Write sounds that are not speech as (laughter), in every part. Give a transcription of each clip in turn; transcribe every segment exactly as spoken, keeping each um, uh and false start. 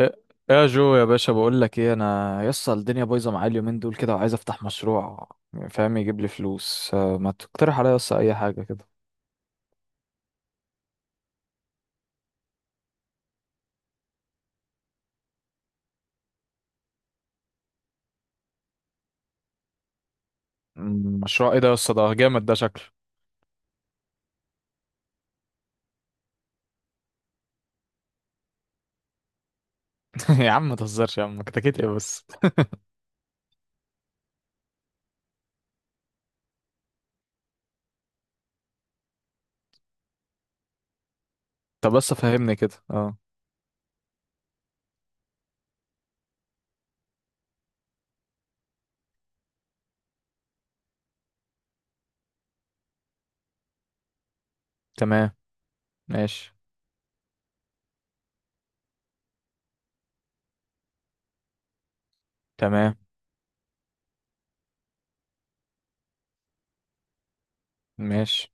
ايه إيه يا جو يا باشا، بقول لك ايه، انا يسطا الدنيا بايظه معايا اليومين دول كده، وعايز افتح مشروع. فاهم، يجيب لي فلوس. آه، ما تقترح عليا يسطا اي حاجه كده. مم، مشروع ايه ده يسطا؟ ده جامد ده شكله. (laughs) يا عم ما تهزرش، يا عم كتكيت ايه بس؟ طب بس فهمني كده. اه، تمام. ماشي. تمام. ماشي.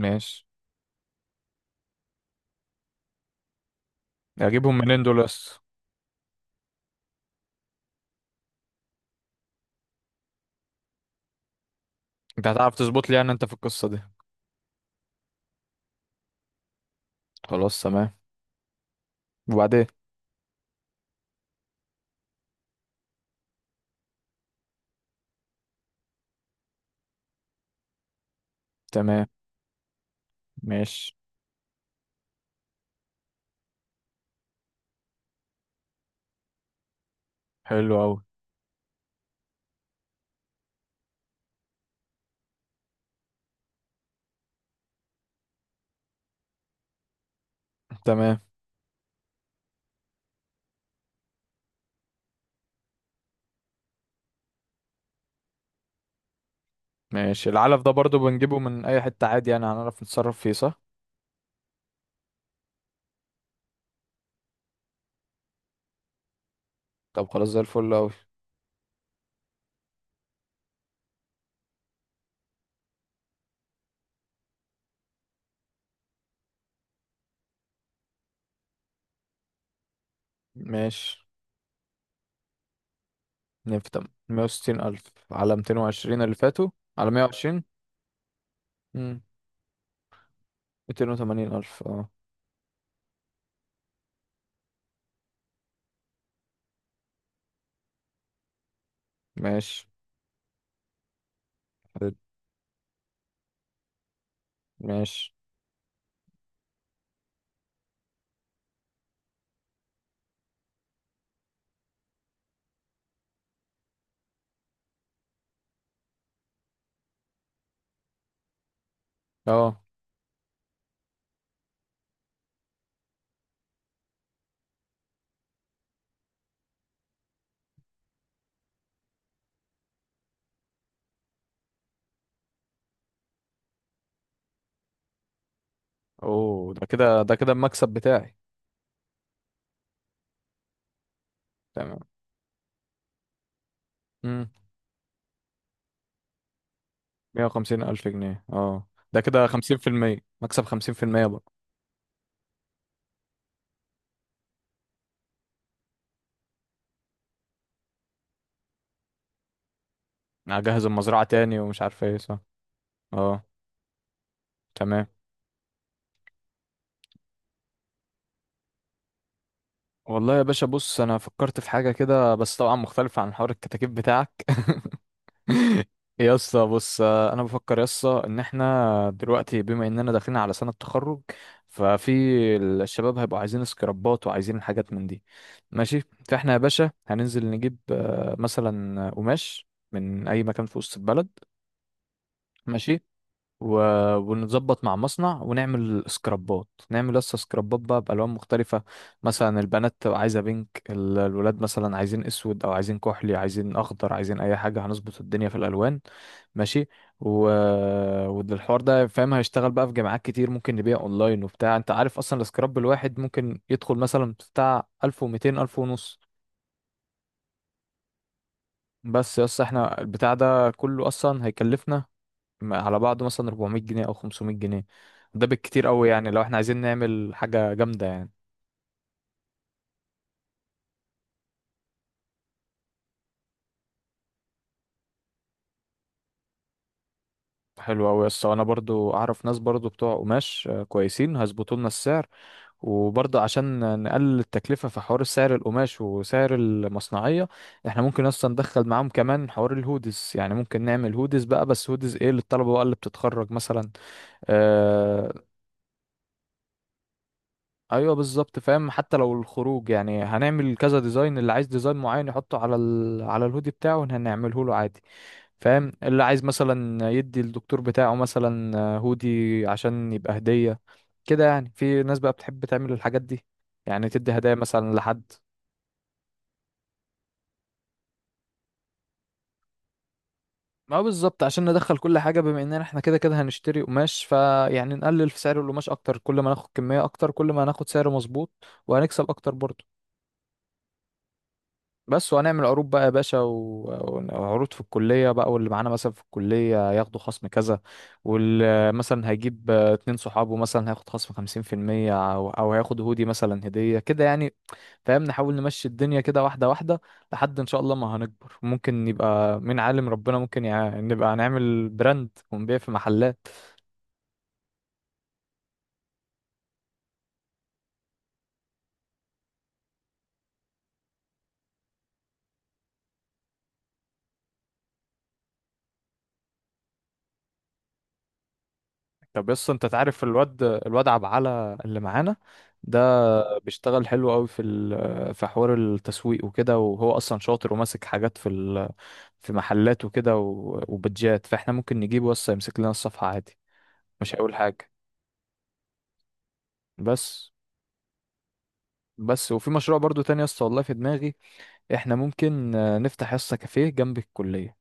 ماشي. اجيبهم منين دول يسطا؟ انت هتعرف تظبط لي، يعني انت في القصه دي؟ خلاص تمام. وبعدين؟ تمام. ماشي. حلو قوي. تمام. ماشي. العلف ده برضو بنجيبه من اي حتة عادي، يعني هنعرف نتصرف فيه صح؟ طب خلاص، زي الفل اوي. ماشي. نفتم. مية وستين ألف، على ميتين وعشرين اللي فاتوا. على مية وعشرين. ميتين وتمانين ألف، اه. ماشي. حلو. ماشي. اه. اوه، ده كده ده كده المكسب بتاعي. تمام. امم. مية وخمسين ألف جنيه، اه. ده كده خمسين في المية مكسب، خمسين في المية بقى. أنا هجهز المزرعة تاني ومش عارف ايه، صح؟ اه، تمام. والله يا باشا بص، انا فكرت في حاجه كده، بس طبعا مختلفه عن حوار الكتاكيت بتاعك. (laughs) يا اسطى بص، آه، انا بفكر يا اسطى، ان احنا دلوقتي بما اننا داخلين على سنه تخرج، ففي الشباب هيبقوا عايزين سكرابات وعايزين حاجات من دي. ماشي. فاحنا يا باشا هننزل نجيب آه، مثلا قماش من اي مكان في وسط البلد. ماشي. و... ونظبط مع مصنع ونعمل سكرابات، نعمل لسه سكرابات بقى بألوان مختلفة. مثلا البنات تبقى عايزة بينك، ال- الولاد مثلا عايزين اسود، او عايزين كحلي، عايزين اخضر، عايزين اي حاجة، هنظبط الدنيا في الالوان. ماشي. و... والحوار ده، فاهم، هيشتغل بقى في جامعات كتير، ممكن نبيع اونلاين وبتاع. انت عارف اصلا السكراب الواحد ممكن يدخل مثلا بتاع ألف ومتين، ألف ونص. بس يس، احنا البتاع ده كله اصلا هيكلفنا م- على بعضه مثلا أربعمية جنيه او خمسمية جنيه. ده بالكتير قوي، يعني لو احنا عايزين نعمل حاجه جامده يعني. حلو قوي يا اسطى، انا برضو اعرف ناس برضو بتوع قماش آه، كويسين، هيظبطوا لنا السعر. وبرضو عشان نقلل التكلفه في حوار سعر القماش وسعر المصنعيه، احنا ممكن اصلا ندخل معاهم كمان حوار الهودز. يعني ممكن نعمل هودز بقى، بس هودز ايه؟ للطلبه بقى اللي بتتخرج مثلا. آه، ايوه، بالظبط فاهم. حتى لو الخروج يعني، هنعمل كذا ديزاين، اللي عايز ديزاين معين يحطه على ال... على الهودي بتاعه هنعمله له عادي. فاهم، اللي عايز مثلا يدي الدكتور بتاعه مثلا هودي عشان يبقى هدية كده، يعني في ناس بقى بتحب تعمل الحاجات دي، يعني تدي هدايا مثلا لحد. ما هو بالظبط، عشان ندخل كل حاجة، بما اننا احنا كده كده هنشتري قماش، فيعني نقلل في سعر القماش اكتر، كل ما ناخد كمية اكتر كل ما هناخد سعر مظبوط، وهنكسب اكتر برضه. بس وهنعمل عروض بقى يا باشا، و- وعروض في الكلية بقى، واللي معانا مثلا في الكلية ياخدوا خصم كذا. ومثلا هيجيب آه، اتنين صحابه، مثلا هياخد خصم خمسين في المية، أو أو هياخد هودي مثلا هدية كده يعني. فاهم، نحاول نمشي الدنيا كده واحدة واحدة، لحد إن شاء الله ما هنكبر، ممكن يبقى مين عالم ربنا، ممكن يع... نبقى نعمل براند ونبيع في محلات. طب يس، أنت تعرف الواد الواد عبعلة اللي معانا ده؟ بيشتغل حلو قوي في ال- في حوار التسويق وكده، وهو اصلا شاطر وماسك حاجات في ال- في محلات وكده، و- وبتجات. فاحنا ممكن نجيبه بس يمسك لنا الصفحة عادي، مش هيقول حاجة. بس بس وفي مشروع برضو تاني يا اسطى، والله في دماغي. احنا ممكن آه، نفتح يا اسطى كافيه جنب الكلية.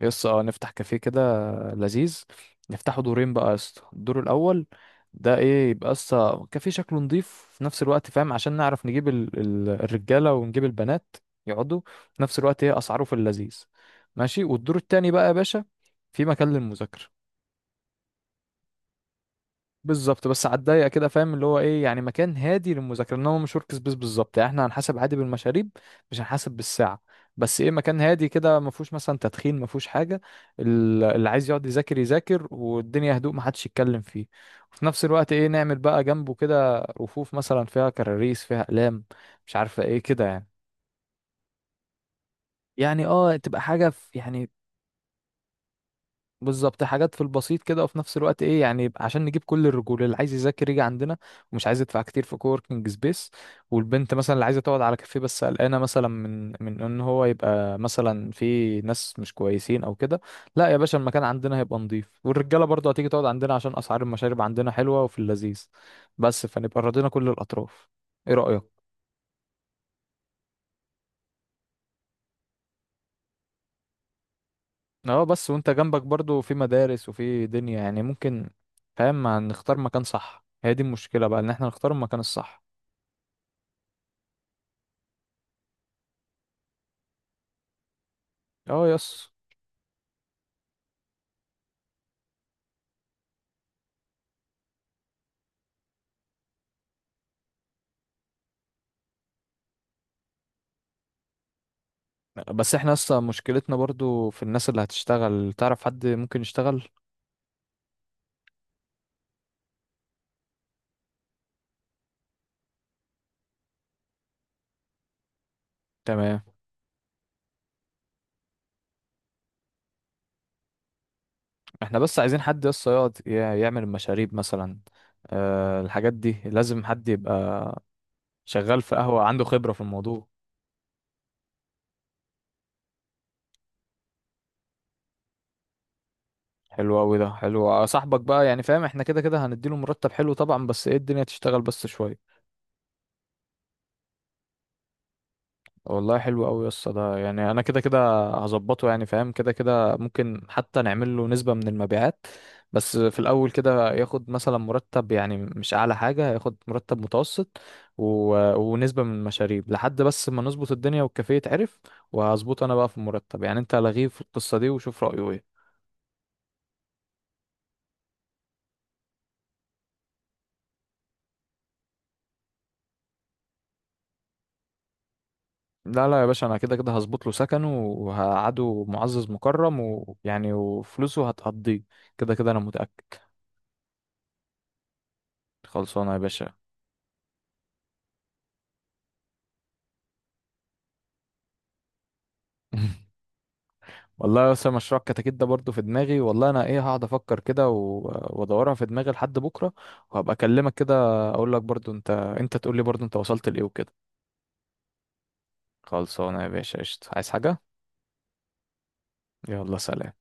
يس، اه، نفتح كافيه كده لذيذ. نفتحه دورين بقى يا اسطى. الدور الاول ده ايه؟ يبقى اسطى كافيه شكله نضيف، في نفس الوقت فاهم، عشان نعرف نجيب ال... ال... الرجاله ونجيب البنات يقعدوا، في نفس الوقت ايه اسعاره في اللذيذ. ماشي. والدور التاني بقى يا باشا في مكان للمذاكره. بالظبط، بس على الضيق كده فاهم، اللي هو ايه يعني، مكان هادي للمذاكره، انما مش ورك سبيس بالظبط، يعني احنا هنحاسب عادي بالمشاريب، مش هنحاسب بالساعه. بس ايه، مكان هادي كده ما فيهوش مثلا تدخين، ما فيهوش حاجه. ال- اللي عايز يقعد يذاكر يذاكر، والدنيا هدوء ما حدش يتكلم فيه. وفي نفس الوقت ايه، نعمل بقى جنبه كده رفوف مثلا فيها كراريس فيها اقلام، مش عارفه ايه كده يعني. يعني اه، تبقى حاجه في يعني. بالظبط، حاجات في البسيط كده، وفي نفس الوقت ايه، يعني عشان نجيب كل الرجوله اللي عايز يذاكر يجي عندنا ومش عايز يدفع كتير في كووركينج سبيس، والبنت مثلا اللي عايزه تقعد على كافيه بس قلقانه مثلا من من ان هو يبقى مثلا في ناس مش كويسين او كده. لا يا باشا، المكان عندنا هيبقى نظيف، والرجاله برضه هتيجي تقعد عندنا عشان اسعار المشارب عندنا حلوه وفي اللذيذ. بس فنبقى راضينا كل الاطراف. ايه رايك؟ اه، بس وانت جنبك برضو في مدارس وفي دنيا يعني ممكن. فاهم، ما نختار مكان صح، هي دي المشكلة بقى، ان احنا نختار المكان الصح. اه، يس. بس احنا اصلا مشكلتنا برضو في الناس اللي هتشتغل. تعرف حد ممكن يشتغل؟ تمام. احنا بس عايزين حد يس يقعد يع- يعمل المشاريب مثلا. أه، الحاجات دي لازم حد يبقى شغال في قهوة، عنده خبرة في الموضوع. حلو قوي، ده حلو. آه، صاحبك بقى يعني فاهم، احنا كده كده هنديله مرتب حلو طبعا، بس ايه الدنيا تشتغل بس شوية. والله حلو قوي يا اسطى ده، يعني انا كده كده هظبطه، يعني فاهم، كده كده ممكن حتى نعمل له نسبة من المبيعات. بس في الاول كده ياخد مثلا مرتب، يعني مش اعلى حاجة، ياخد مرتب متوسط، و... ونسبة من المشاريب، لحد بس ما نظبط الدنيا والكافيه يتعرف. وهظبطه انا بقى في المرتب، يعني انت لغيه في القصة دي وشوف رأيه ايه. لا لا يا باشا، انا كده كده هظبط له سكنه وهقعده معزز مكرم، ويعني وفلوسه هتقضيه، كده كده انا متأكد. خلصانة يا باشا. (laughs) والله اصل مشروع الكتاكيت ده برضه في دماغي، والله. انا ايه، هقعد افكر كده و- وادورها في دماغي لحد بكره، وهبقى اكلمك كده. اقول لك برضه انت انت تقول لي برضه انت وصلت لايه وكده. خلصانه يا باشا، قشطه، عايز حاجه؟ يلا سلام.